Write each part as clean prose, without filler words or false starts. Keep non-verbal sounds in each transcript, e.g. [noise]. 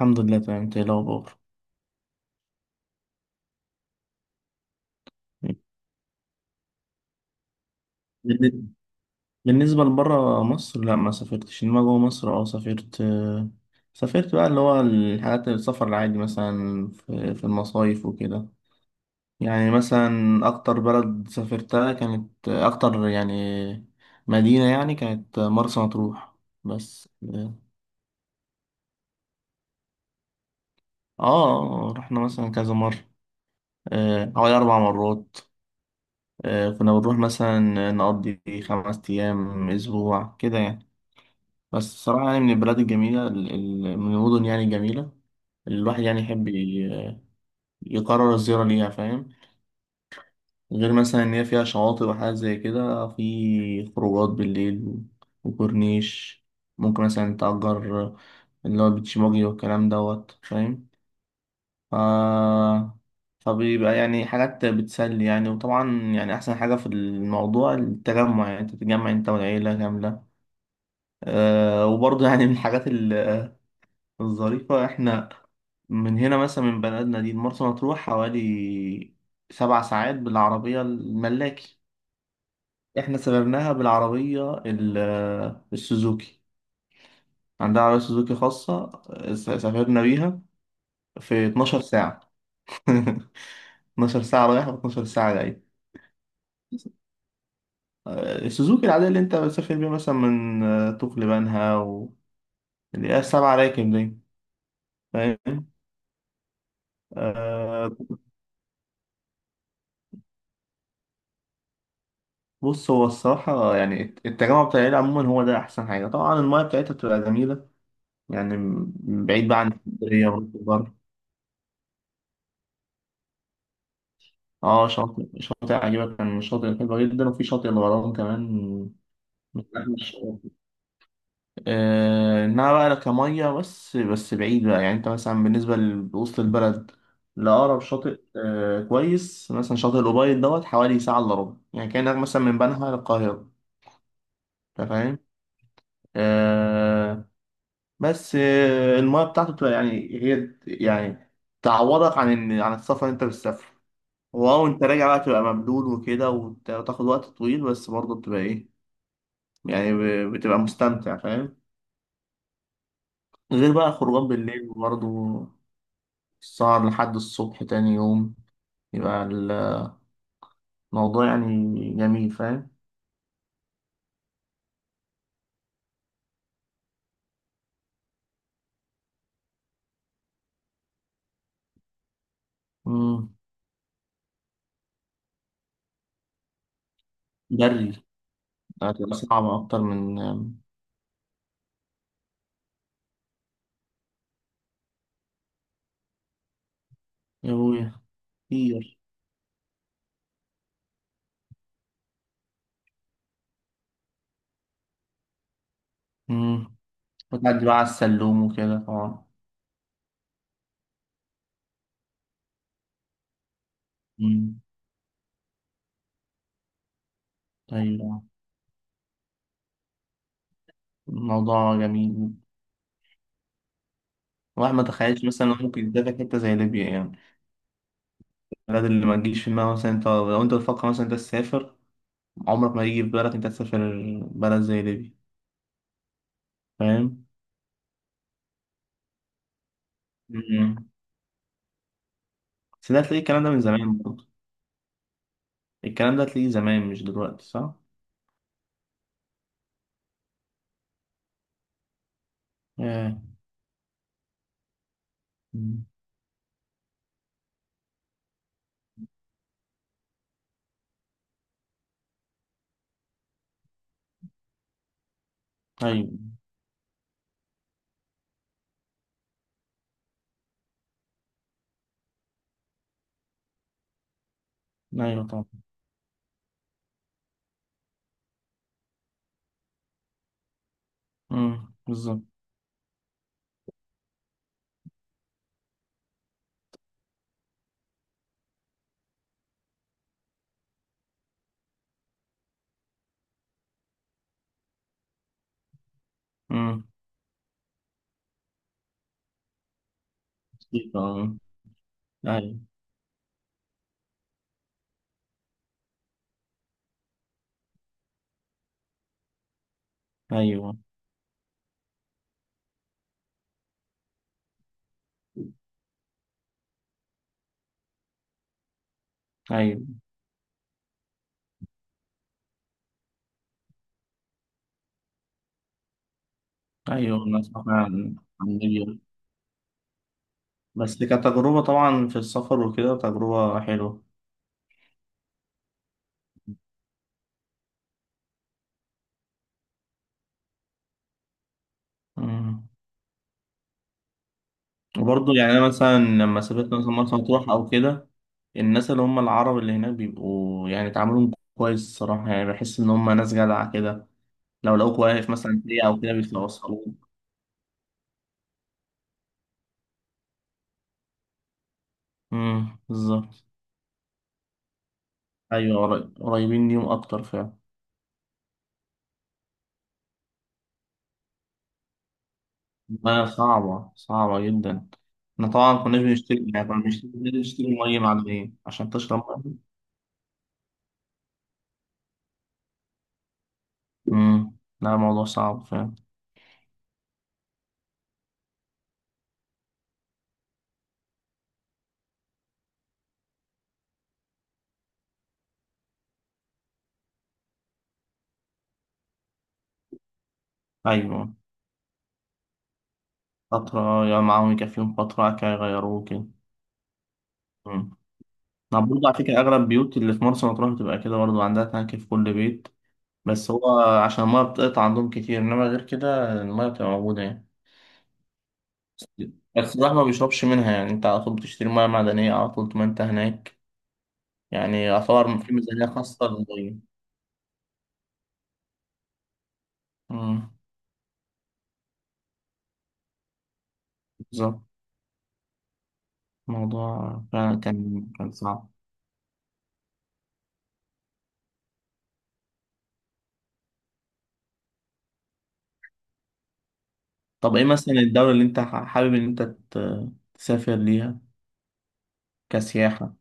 الحمد لله تمام، انت ايه الاخبار؟ بالن- بالنسبه لبره مصر لا ما سافرتش، انما جوه مصر سافرت. سافرت بقى اللي هو الحاجات، السفر العادي، مثلا في المصايف وكده. يعني مثلا اكتر بلد سافرتها كانت اكتر، يعني مدينه يعني، كانت مرسى مطروح. بس آه، رحنا مثلا كذا مره. آه، حوالي اربع مرات. آه، كنا بنروح مثلا نقضي خمس ايام اسبوع كده يعني. بس الصراحة يعني من البلاد الجميلة، من المدن يعني الجميلة، اللي الواحد يعني يحب يقرر الزيارة ليها، فاهم؟ غير مثلا إن هي فيها شواطئ وحاجات زي كده، في خروجات بالليل وكورنيش، ممكن مثلا تأجر اللي هو بيتش باجي والكلام دوت، فاهم؟ ف... فبيبقى يعني حاجات بتسلي يعني. وطبعا يعني أحسن حاجة في الموضوع التجمع، يعني أنت تتجمع أنت والعيلة كاملة. وبرضه يعني من الحاجات الظريفة، إحنا من هنا مثلا من بلدنا دي مرسى مطروح حوالي سبع ساعات بالعربية الملاكي. احنا سافرناها بالعربية السوزوكي، عندها عربية سوزوكي خاصة، سافرنا بيها في 12 ساعة. [laughs] 12 ساعة رايح و12 ساعة جاي. آه، السوزوكي العادية اللي انت بتسافر بيها مثلا من طوق لبنها، و اللي هي السبعة راكب دي، فاهم؟ آه، بص هو الصراحة يعني التجمع بتاع العيلة عموما هو ده أحسن حاجة. طبعا المايه بتاعتها بتبقى جميلة يعني، بعيد بقى عن اسكندرية وراس البر. اه، شاطئ شاطئ عجيبة كان شاطئ حلوة جدا، وفي شاطئ الغرام كمان، من أحلى الشواطئ. آه، إنها بقى كمية، بس بعيد بقى. يعني أنت مثلا بالنسبة لوسط البلد، لأقرب شاطئ كويس مثلا شاطئ الأوبايد دوت، حوالي ساعة إلا ربع، يعني كأنك مثلا من بنها للقاهرة. أنت فاهم؟ آه بس المياه بتاعته بتبقى يعني، هي يعني تعوضك عن عن السفر اللي أنت بتسافره. واو، انت راجع بقى تبقى مبلول وكده، وتاخد وقت طويل، بس برضه بتبقى ايه يعني، بتبقى مستمتع، فاهم؟ غير بقى خروجات بالليل وبرضه السهر لحد الصبح تاني يوم. يبقى الموضوع يعني جميل، فاهم؟ مم. جري. هتبقى صعبة أكتر من. يا أبويا. كتير. مم. وتعدي بقى على السلوم وكده طبعا. مم. أيوة، الموضوع جميل. الواحد ما تخيلش مثلا إنه ممكن يسافر حتة زي ليبيا يعني، البلد اللي ما تجيش في دماغك. مثلا انت لو انت بتفكر مثلا انت تسافر، عمرك ما يجي في بالك انت تسافر بلد زي ليبيا. فاهم؟ مم. بس ده هتلاقي الكلام ده من زمان برضه. الكلام ده هتلاقيه زمان مش دلوقتي، صح؟ آه. مم. ايوه. ايوه طبعا. مم. بالظبط. مم. أكيد، آه. ايوه، ايوه، ايوه، ايوه انا سمعت عن ليبيا، بس كتجربة طبعا في السفر وكده تجربة حلوة. مم. وبرضه يعني أنا مثلا لما سافرت مثلا مرسى مطروح أو كده، الناس اللي هم العرب اللي هناك بيبقوا يعني تعاملهم كويس الصراحة، يعني بحس إن هم ناس جدعة كده. لو لقوك واقف مثلا سريع أو كده بيتوصلوك. امم، بالظبط. أيوة، قريبين ليهم أكتر فعلا. ما صعبة، صعبة جدا. احنا طبعا كناش بنشتري، يعني كنا بنشتري مية معدنية عشان تشرب مية. امم. لا الموضوع صعب فعلا. أيوة. فترة يعني معاهم، يكفيهم فترة بعد كده يغيروه كده. امم. طب برضه على فكرة أغلب البيوت اللي في مرسى مطروح بتبقى كده برضه، عندها تانك في كل بيت. بس هو عشان المية بتقطع عندهم كتير، إنما غير كده المية بتبقى موجودة يعني. بس الواحد ما بيشربش منها، يعني أنت على طول بتشتري مية معدنية على طول ما أنت هناك. يعني يعتبر في ميزانية خاصة للمية. أمم، بالظبط. الموضوع فعلا كان صعب. طب إيه مثلا الدولة اللي أنت حابب إن أنت تسافر ليها كسياحة؟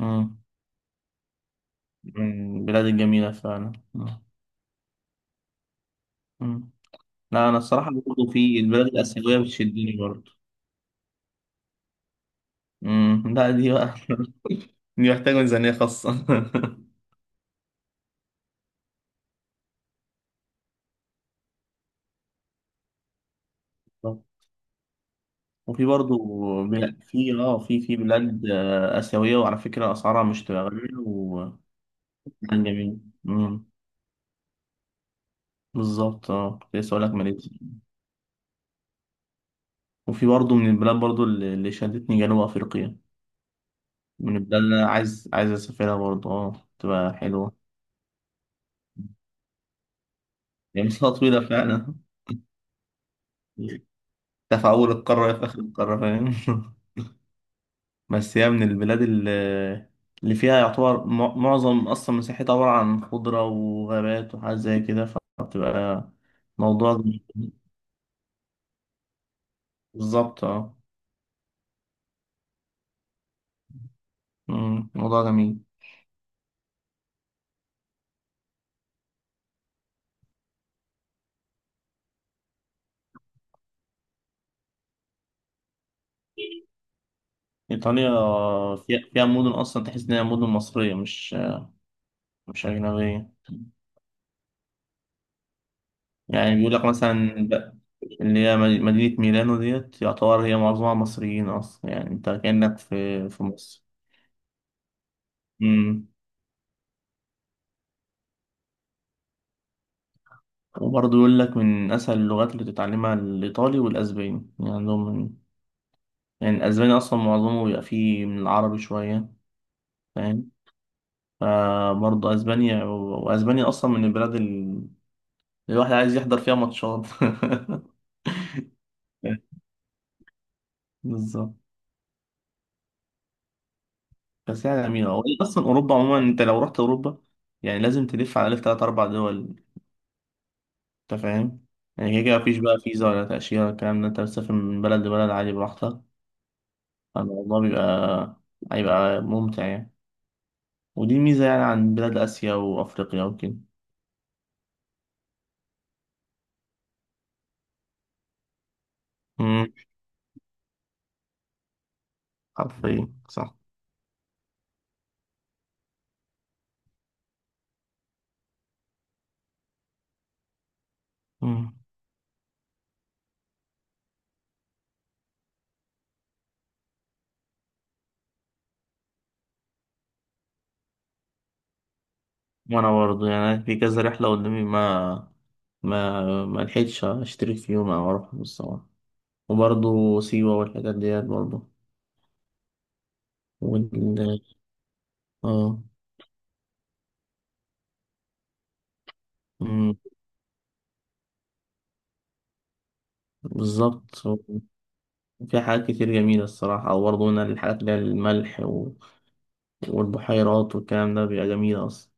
أمم، من البلاد الجميلة فعلا. أمم. أمم. لا أنا الصراحة برضه في البلاد الآسيوية بتشدني برضه. أمم، لا دي بقى [laughs] دي محتاجة ميزانية خاصة. [laughs] وفي برضه في اه في في بلاد آسيوية، وعلى فكرة أسعارها مش تبقى غالية، وكان جميل. مم. بالظبط، كنت لسه أقول لك ماليزيا. وفي برضه من البلاد برضه اللي شدتني جنوب أفريقيا، من البلاد اللي أنا عايز أسافرها برضه، تبقى حلوة. يعني مسافة طويلة فعلا. انت في أول القارة يا في آخر القارة، فاهم؟ [laughs] بس هي من البلاد اللي فيها يعتبر معظم أصلا مساحتها عبارة عن خضرة وغابات وحاجات زي كده، فبتبقى موضوع جميل. بالظبط، مم، موضوع جميل. إيطاليا فيها مدن أصلا تحس إنها مدن مصرية، مش أجنبية. يعني بيقول لك مثلا اللي هي مدينة ميلانو ديت يعتبر هي معظمها مصريين أصلا، يعني أنت كأنك في مصر. وبرضه يقول لك من أسهل اللغات اللي تتعلمها الإيطالي والأسباني، يعني عندهم يعني الأسباني أصلا معظمه بيبقى فيه من العربي شوية، فاهم؟ فبرضه أسبانيا، وأسبانيا أصلا من البلاد الواحد عايز يحضر فيها ماتشات. [laughs] بالظبط. بس يعني جميلة، هو إيه أصلا أوروبا عموما؟ أنت لو رحت أوروبا يعني لازم تلف على ألف تلات أربع دول، أنت فاهم؟ يعني كده كده مفيش بقى فيزا ولا تأشيرة الكلام ده، أنت بتسافر من بلد لبلد عادي براحتك، فالموضوع بيبقى هيبقى ممتع يعني. ودي ميزة يعني عن بلاد آسيا وأفريقيا وكده. امم. حرفيا صح. امم. وأنا برضه يعني في كذا رحلة قدامي ما لحقتش أشترك فيهم أو أروح بصراحة. وبرضه سيوة والحاجات ديت برضه. وال آه. أمم، بالظبط. في حاجات كتير جميلة الصراحة، أو برضه هنا الحاجات اللي هي الملح والبحيرات والكلام ده بيبقى جميل أصلا.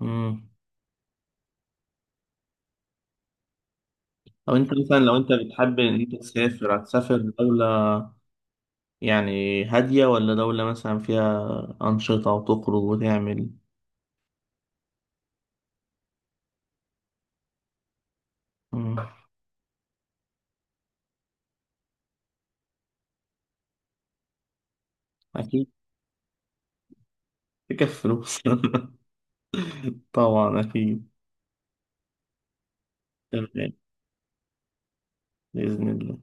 امم. طب أنت مثلا لو أنت بتحب إن أنت تسافر، هتسافر دولة يعني هادية، ولا دولة مثلا فيها أنشطة وتخرج وتعمل؟ مم. أكيد. تكفي فلوس. [laughs] طبعا أكيد. تمام. بإذن الله.